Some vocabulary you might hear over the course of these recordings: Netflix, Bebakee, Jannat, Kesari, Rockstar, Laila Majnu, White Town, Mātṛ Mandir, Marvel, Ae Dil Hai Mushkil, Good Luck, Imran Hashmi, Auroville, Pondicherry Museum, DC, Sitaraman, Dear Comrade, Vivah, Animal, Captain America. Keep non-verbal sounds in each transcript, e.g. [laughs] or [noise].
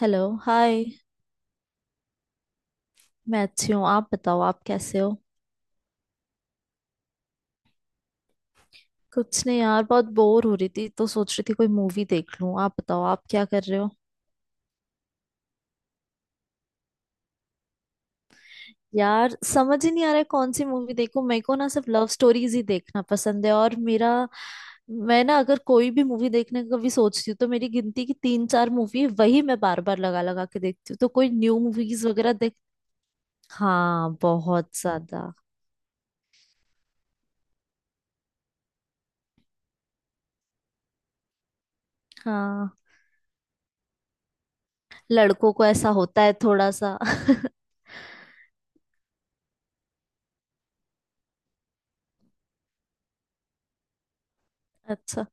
Hello hi. मैं अच्छी हूँ, आप बताओ आप कैसे हो? कुछ नहीं यार, बहुत बोर हो रही थी तो सोच रही थी कोई मूवी देख लूँ। आप बताओ आप क्या कर रहे हो? यार समझ ही नहीं आ रहा है कौन सी मूवी देखूं। मेरे को ना सिर्फ लव स्टोरीज ही देखना पसंद है, और मेरा, मैं ना अगर कोई भी मूवी देखने का कभी सोचती हूँ तो मेरी गिनती की तीन चार मूवी है, वही मैं बार बार लगा लगा के देखती हूँ। तो कोई न्यू मूवीज वगैरह देख। हाँ बहुत ज्यादा। हाँ, लड़कों को ऐसा होता है थोड़ा सा [laughs] अच्छा।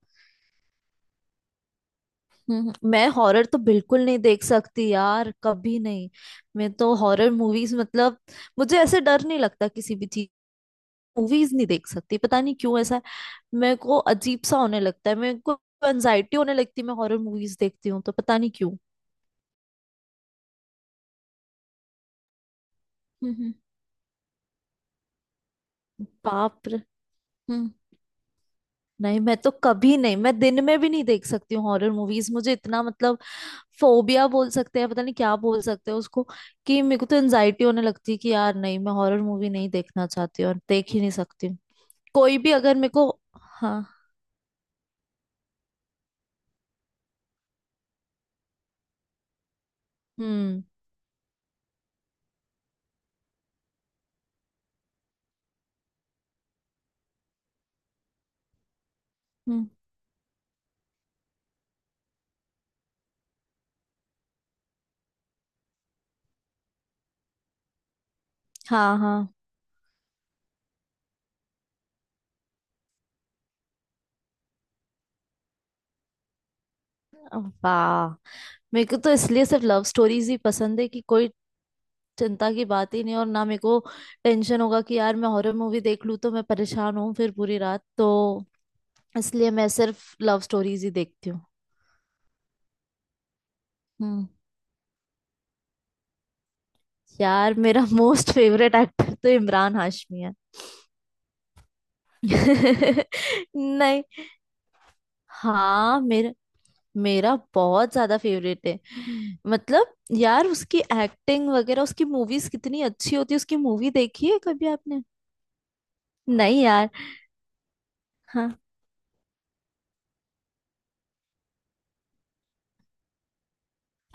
मैं हॉरर तो बिल्कुल नहीं देख सकती यार, कभी नहीं। मैं तो हॉरर मूवीज मतलब मुझे ऐसे डर नहीं लगता किसी भी चीज, मूवीज नहीं देख सकती। पता नहीं क्यों ऐसा है। मेरे को अजीब सा होने लगता है, मेरे को एनजाइटी होने लगती है। मैं हॉरर मूवीज देखती हूँ तो पता नहीं क्यों। हम्म। बाप रे। हम्म। नहीं, मैं तो कभी नहीं, मैं दिन में भी नहीं देख सकती हूँ हॉरर मूवीज। मुझे इतना मतलब फोबिया बोल सकते हैं, पता नहीं क्या बोल सकते हैं उसको, कि मेरे को तो एनजाइटी होने लगती है कि यार नहीं, मैं हॉरर मूवी नहीं देखना चाहती और देख ही नहीं सकती हूँ। कोई भी अगर मेरे को। हाँ। हम्म, हम्म। हाँ हाँ। वाह। मेरे को तो इसलिए सिर्फ लव स्टोरीज ही पसंद है कि कोई चिंता की बात ही नहीं, और ना मेरे को टेंशन होगा कि यार मैं हॉरर मूवी देख लूँ तो मैं परेशान हूँ फिर पूरी रात। तो इसलिए मैं सिर्फ लव स्टोरीज ही देखती हूँ। हम्म। यार मेरा [laughs] मोस्ट फेवरेट एक्टर तो इमरान हाशमी है। [laughs] नहीं। हाँ, मेरा मेरा बहुत ज्यादा फेवरेट है। मतलब यार उसकी एक्टिंग वगैरह, उसकी मूवीज कितनी अच्छी होती है। उसकी मूवी देखी है कभी आपने? नहीं यार। हाँ।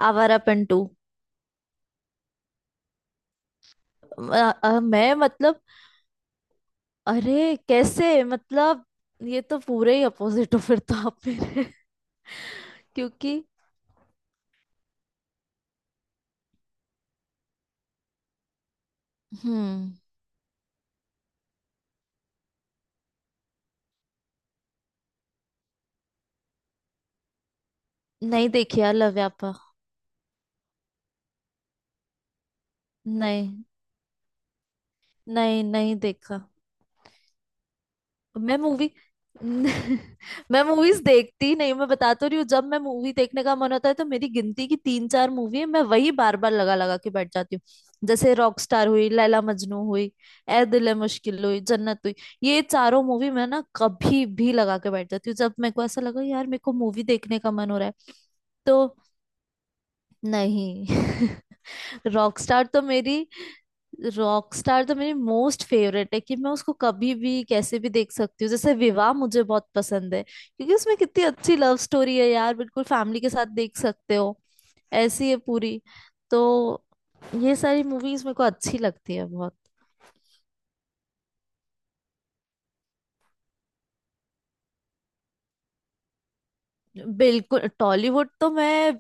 आवारापन टू। मैं मतलब, अरे कैसे मतलब, ये तो पूरे ही अपोजिट हो फिर तो आप मेरे। [laughs] क्योंकि। हम्म। नहीं देखी यार लव्यापा। नहीं नहीं, नहीं देखा। मैं मूवी [laughs] मैं मूवीज देखती ही नहीं। मैं बता तो रही हूँ, जब मैं मूवी देखने का मन होता है तो मेरी गिनती की तीन चार मूवी है, मैं वही बार बार लगा लगा के बैठ जाती हूँ। जैसे रॉकस्टार हुई, लैला मजनू हुई, ए दिल है मुश्किल हुई, जन्नत हुई। ये चारों मूवी मैं ना कभी भी लगा के बैठ जाती हूँ जब मेरे को ऐसा लगा यार मेरे को मूवी देखने का मन हो रहा है। तो नहीं। [laughs] रॉकस्टार तो मेरी रॉकस्टार तो मेरी मोस्ट फेवरेट है कि मैं उसको कभी भी कैसे भी देख सकती हूँ। जैसे विवाह मुझे बहुत पसंद है, क्योंकि उसमें कितनी अच्छी लव स्टोरी है यार, बिल्कुल फैमिली के साथ देख सकते हो। ऐसी है पूरी। तो ये सारी मूवीज मेरे को अच्छी लगती है बहुत। बिल्कुल, टॉलीवुड तो मैं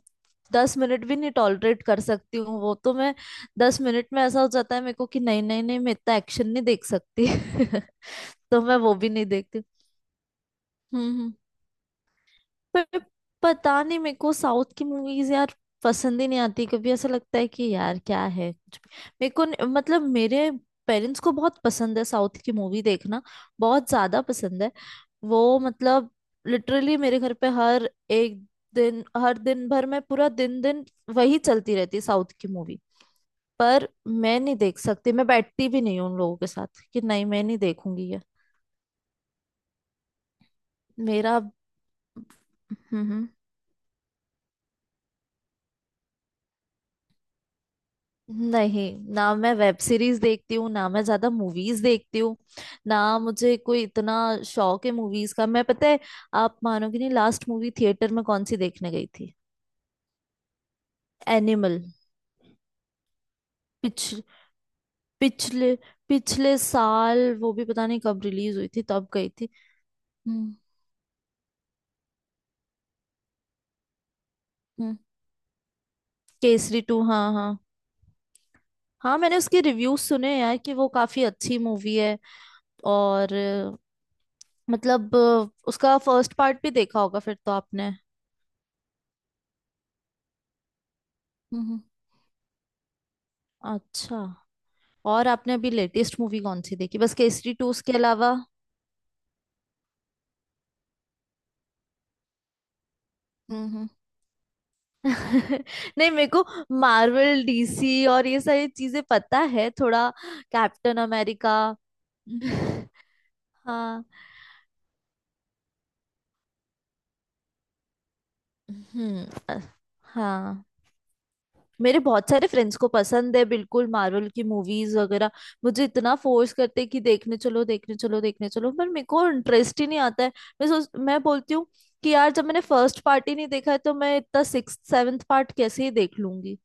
10 मिनट भी नहीं टॉलरेट कर सकती हूँ। वो तो मैं, 10 मिनट में ऐसा हो जाता है मेरे को कि नहीं नहीं नहीं, मैं इतना एक्शन नहीं देख सकती [laughs] तो मैं वो भी नहीं देखती। हम्म। पर पता नहीं मेरे को साउथ की मूवीज यार पसंद ही नहीं आती, कभी ऐसा लगता है कि यार क्या है कुछ भी। मेरे को मतलब मेरे पेरेंट्स को बहुत पसंद है साउथ की मूवी देखना, बहुत ज्यादा पसंद है। वो मतलब लिटरली मेरे घर पे हर एक दिन, हर दिन भर में पूरा दिन दिन वही चलती रहती है साउथ की मूवी। पर मैं नहीं देख सकती, मैं बैठती भी नहीं हूँ उन लोगों के साथ कि नहीं मैं नहीं देखूंगी ये। मेरा। हम्म, नहीं, ना मैं वेब सीरीज देखती हूँ ना मैं ज्यादा मूवीज देखती हूँ, ना मुझे कोई इतना शौक है मूवीज का। मैं, पता है आप मानोगे नहीं, लास्ट मूवी थिएटर में कौन सी देखने गई थी? एनिमल। पिछ पिछले पिछले साल वो भी पता नहीं कब रिलीज हुई थी तब गई थी। हम्म हम्म। केसरी टू, हाँ हाँ। हाँ, मैंने उसके रिव्यूज सुने यार कि वो काफी अच्छी मूवी है। और मतलब उसका फर्स्ट पार्ट भी देखा होगा फिर तो आपने? हम्म। अच्छा। और आपने अभी लेटेस्ट मूवी कौन सी देखी बस केसरी टू उसके अलावा? हम्म। [laughs] हम्म। नहीं, मेरे को मार्वल, डीसी और ये सारी चीजें पता है थोड़ा, कैप्टन अमेरिका [laughs] हाँ। हम्म अ- हाँ, मेरे बहुत सारे फ्रेंड्स को पसंद है बिल्कुल मार्वल की मूवीज वगैरह। मुझे इतना फोर्स करते हैं कि देखने चलो देखने चलो देखने चलो, पर मेरे को इंटरेस्ट ही नहीं आता है। मैं बोलती हूँ कि यार जब मैंने फर्स्ट पार्ट ही नहीं देखा है तो मैं इतना सिक्स सेवन्थ पार्ट कैसे ही देख लूंगी।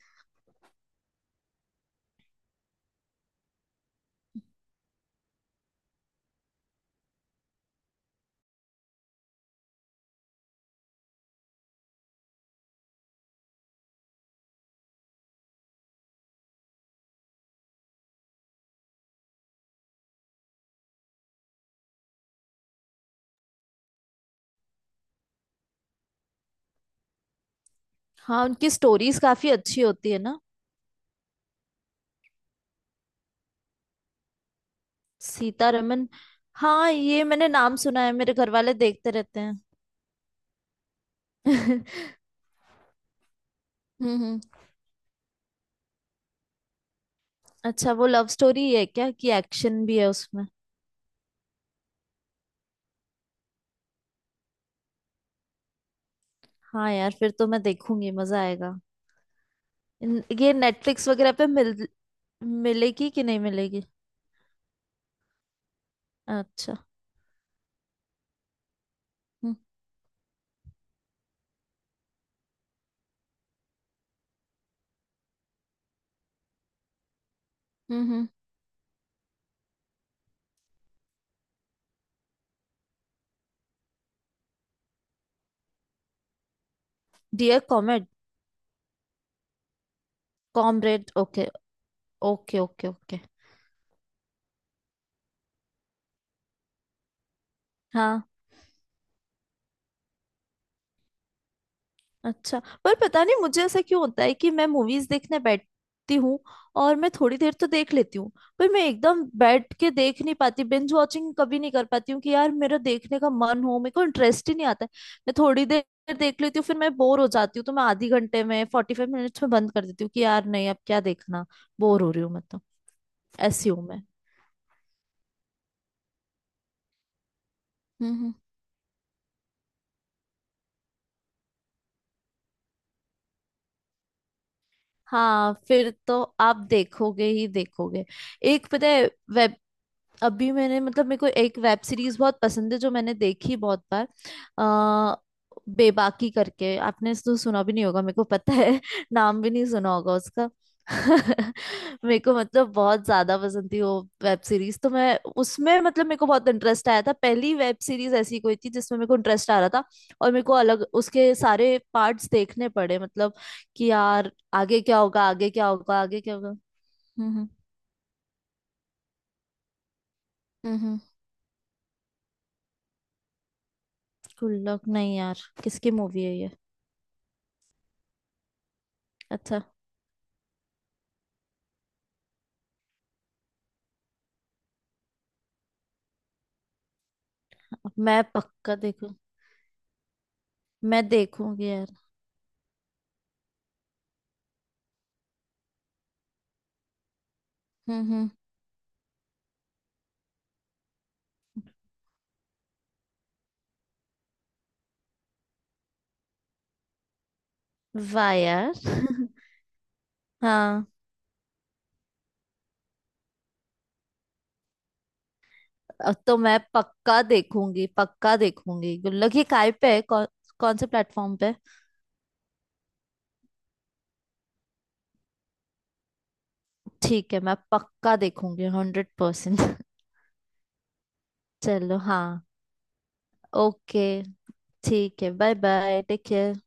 हाँ, उनकी स्टोरीज काफी अच्छी होती है ना। सीतारमन? हाँ, ये मैंने नाम सुना है, मेरे घर वाले देखते रहते हैं। [laughs] हम्म। हम्म। अच्छा, वो लव स्टोरी है क्या कि एक्शन भी है उसमें? हाँ यार, फिर तो मैं देखूंगी, मजा आएगा। ये नेटफ्लिक्स वगैरह पे मिल मिलेगी कि नहीं मिलेगी? अच्छा। हम्म हम्म। डियर कॉमेड? Comrade, okay, okay okay okay. हाँ। अच्छा, पर पता नहीं मुझे ऐसा क्यों होता है कि मैं मूवीज देखने बैठती हूँ और मैं थोड़ी देर तो देख लेती हूँ, पर मैं एकदम बैठ के देख नहीं पाती। बिंज वॉचिंग कभी नहीं कर पाती हूँ कि यार मेरा देखने का मन हो, मेरे को इंटरेस्ट ही नहीं आता है। मैं थोड़ी देर देख लेती हूँ फिर मैं बोर हो जाती हूँ, तो मैं आधी घंटे में 45 मिनट्स में बंद कर देती हूँ कि यार नहीं अब क्या देखना, बोर हो रही हूँ मैं तो। ऐसी हूँ मैं। हम्म। हाँ फिर तो आप देखोगे ही देखोगे। एक पता है, अभी मैंने मतलब मेरे को एक वेब सीरीज बहुत पसंद है जो मैंने देखी बहुत बार, आ, बेबाकी करके। आपने तो सुना भी नहीं होगा, मेरे को पता है [laughs] नाम भी नहीं सुना होगा उसका। [laughs] मेरे को मतलब बहुत ज्यादा पसंद थी वो वेब सीरीज। तो मैं, उसमें मतलब मेरे को बहुत इंटरेस्ट आया था, पहली वेब सीरीज ऐसी कोई थी जिसमें मेरे को इंटरेस्ट आ रहा था, और मेरे को अलग उसके सारे पार्ट्स देखने पड़े मतलब, कि यार आगे क्या होगा आगे क्या होगा आगे क्या होगा। हम्म हम्म। Good luck? नहीं यार, किसकी मूवी है ये? अच्छा। अब मैं पक्का देखूं। मैं देखूंगी यार। हम्म। वाह यार [laughs] हाँ। अब तो मैं पक्का देखूंगी, पक्का देखूंगी। गुड लक, ये काय पे है? कौन, कौन से प्लेटफॉर्म पे? ठीक है मैं पक्का देखूंगी 100% [laughs] चलो हाँ। ओके। ठीक है, बाय बाय, टेक केयर।